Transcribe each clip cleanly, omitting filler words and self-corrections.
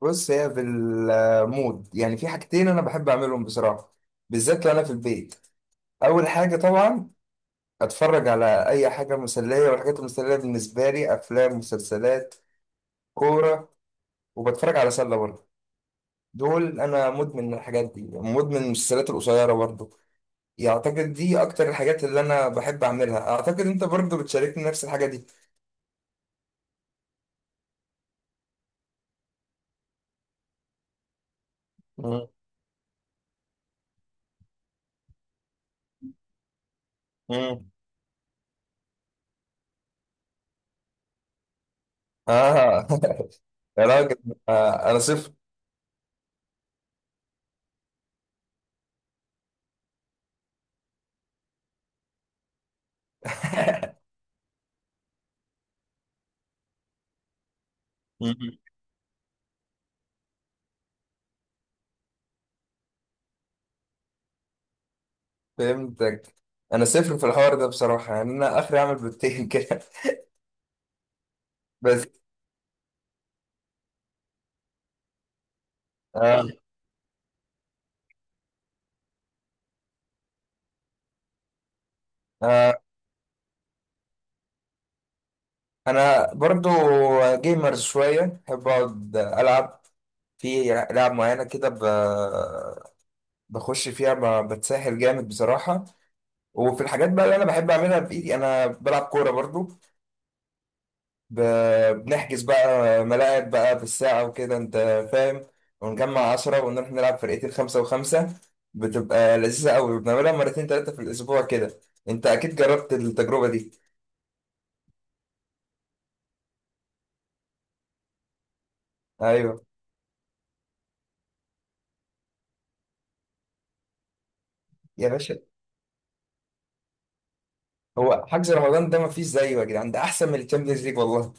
بص، هي في المود، يعني في حاجتين انا بحب اعملهم بصراحه. بالذات لو انا في البيت. اول حاجه طبعا اتفرج على اي حاجه مسليه، والحاجات المسليه بالنسبه لي افلام، مسلسلات، كوره، وبتفرج على سله برضه. دول انا مدمن الحاجات دي، مدمن المسلسلات القصيره برضه. يعتقد دي اكتر الحاجات اللي انا بحب اعملها. اعتقد انت برضه بتشاركني نفس الحاجه دي. مم. مم. اه. يا راجل. آه، انا صفر. فهمتك. انا صفر في الحوار ده بصراحه، يعني انا اخري اعمل بيضتين كده. بس. آه. آه. انا برضو جيمر شويه. بحب اقعد العب في العاب معينه كده. بخش فيها، بتسهل جامد بصراحه. وفي الحاجات بقى اللي انا بحب اعملها بايدي انا بلعب كوره برضو. بنحجز بقى ملاعب بقى بالساعة وكده. انت فاهم. ونجمع 10 ونروح نلعب فرقتين، خمسة وخمسة. بتبقى لذيذة قوي، بنعملها مرتين تلاتة في الأسبوع كده. انت أكيد جربت التجربة دي. أيوه. يا باشا، هو حجز رمضان ده مفيش زيه يا جدعان. ده أحسن من الشامبيونز ليج والله.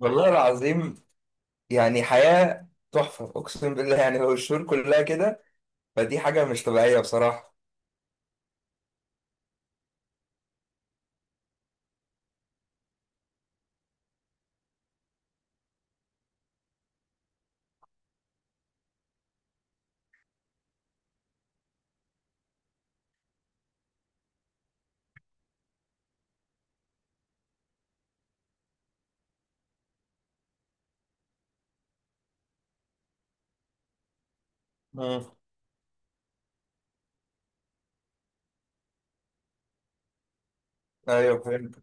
والله العظيم، يعني حياة تحفة أقسم بالله. يعني هو الشهور كلها كده، فدي حاجة مش طبيعية بصراحة. مم. أيوه فهمت.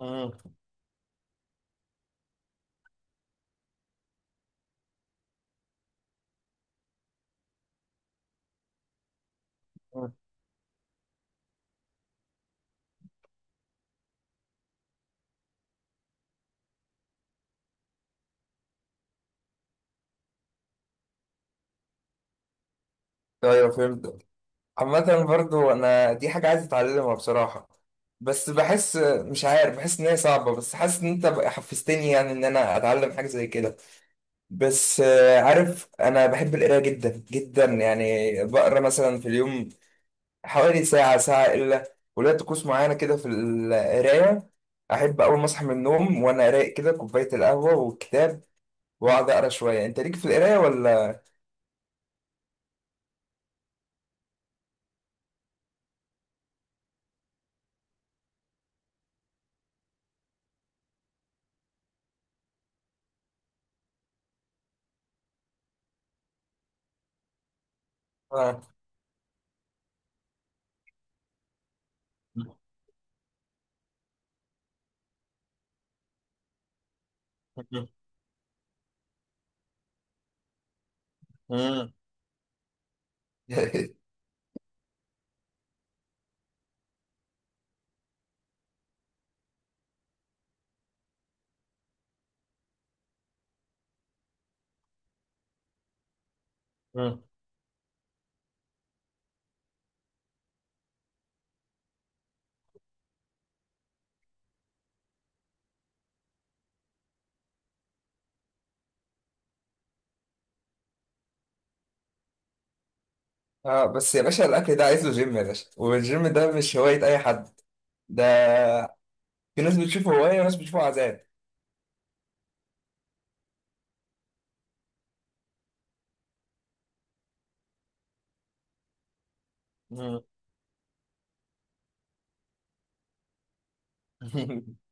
مم. مم. أيوه فهمت. عامة برضو أنا دي حاجة عايز أتعلمها بصراحة. بس بحس، مش عارف، بحس إن هي صعبة، بس حاسس إن أنت بقى حفزتني يعني إن أنا أتعلم حاجة زي كده. بس عارف أنا بحب القراية جدا جدا، يعني بقرا مثلا في اليوم حوالي ساعة، ساعة إلا. وليا طقوس معينة كده في القراية. أحب أول ما أصحى من النوم وأنا رايق كده، كوباية القهوة والكتاب، وأقعد أقرا شوية. أنت ليك في القراية ولا؟ آه. اه بس يا باشا، الاكل ده عايز له جيم يا باشا. والجيم ده مش هوايه اي حد. ده في ناس بتشوفه هوايه وناس بتشوفه عذاب. مم.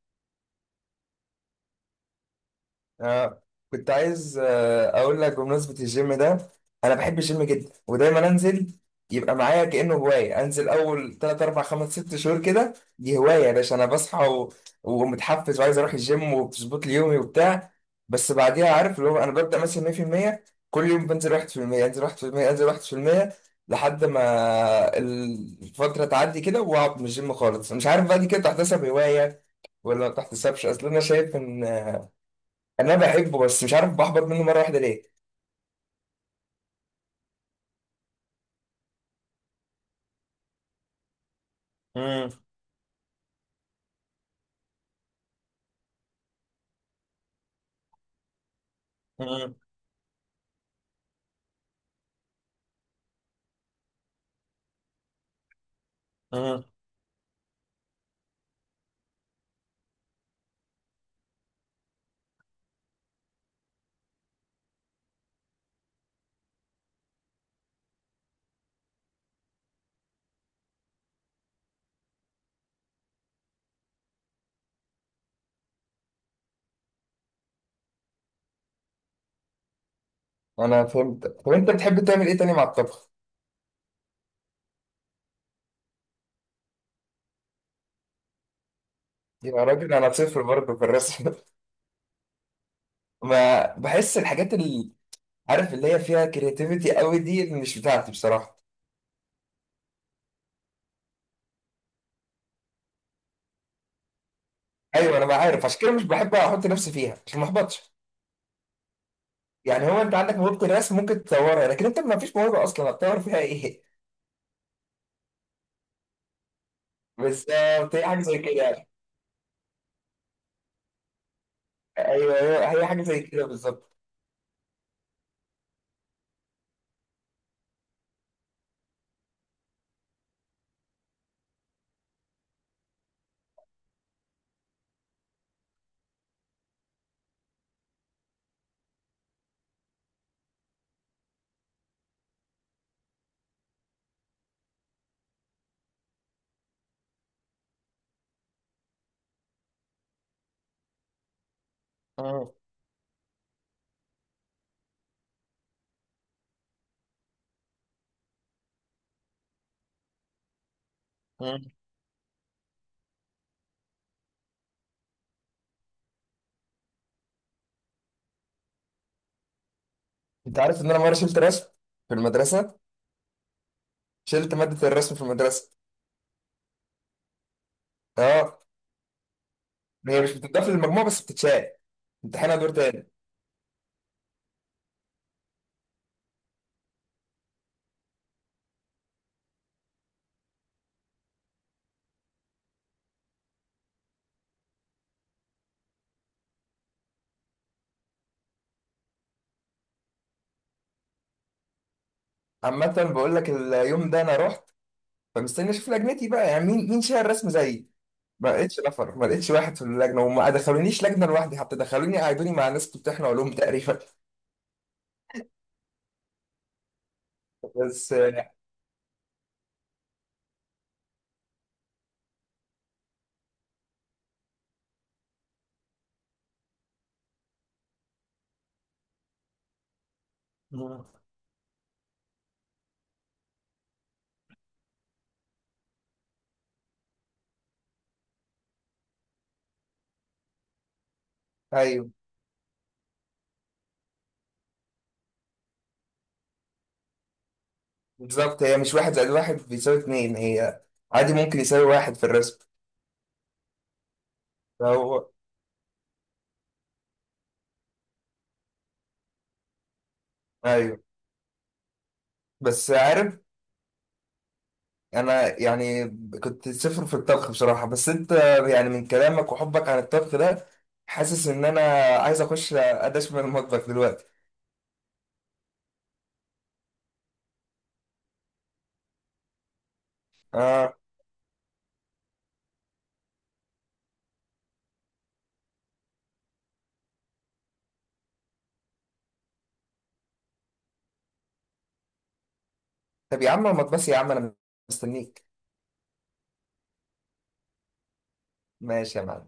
آه، كنت عايز اقول لك بمناسبه الجيم ده. انا بحب الجيم جدا، ودايما انزل. يبقى معايا كانه هوايه. انزل اول 3 4 5 6 شهور كده. دي هوايه يا باشا. انا بصحى ومتحفز وعايز اروح الجيم وبظبط لي يومي وبتاع. بس بعديها عارف اللي هو، انا ببدا مثلا 100%. كل يوم بنزل 1%، انزل 1%، انزل 1%، لحد ما الفتره تعدي كده واقعد من الجيم خالص. مش عارف بقى، دي كده تحتسب هوايه ولا ما تحتسبش؟ اصل انا شايف ان انا بحبه، بس مش عارف بحبط منه مره واحده ليه. مم. مم. مم. انا فهمت. طب انت بتحب تعمل ايه تاني مع الطبخ؟ يا راجل انا صفر برضه في الرسم. ما بحس الحاجات اللي، عارف، اللي هي فيها كرياتيفيتي قوي دي اللي مش بتاعتي بصراحه. ايوه، انا ما عارف عشان كده مش بحب احط نفسي فيها عشان ما احبطش. يعني هو انت عندك موهبه الرسم ممكن تطورها، لكن انت ما فيش موهبه اصلا هتطور فيها ايه؟ بالظبط، هي حاجه زي كده يعني. ايوه ايوه، هي حاجه زي كده بالظبط. مم. مم. انت عارف ان انا مره شلت رسم في المدرسه؟ شلت مادة الرسم في المدرسة. اه. هي مش بتضاف للمجموع بس بتتشال، امتحانها دور تاني. عامة بقول لك، اليوم ده انا رحت فمستني اشوف لجنتي بقى، يعني مين مين شايل الرسم زيي. ما لقيتش نفر، ما لقيتش واحد في اللجنة، وما دخلونيش لجنة لوحدي حتى، دخلوني قعدوني مع ناس بتمتحن علوم تقريبا بس. مم. ايوه بالظبط. هي مش واحد زائد واحد بيساوي اتنين. هي عادي ممكن يساوي واحد في الرسم. فهو ايوه، بس عارف انا يعني، كنت صفر في الطبخ بصراحه، بس انت يعني من كلامك وحبك عن الطبخ ده حاسس ان انا عايز ادش من المطبخ دلوقتي. اه، طب يا عم المطبخ يا عم، انا مستنيك. ماشي يا معلم.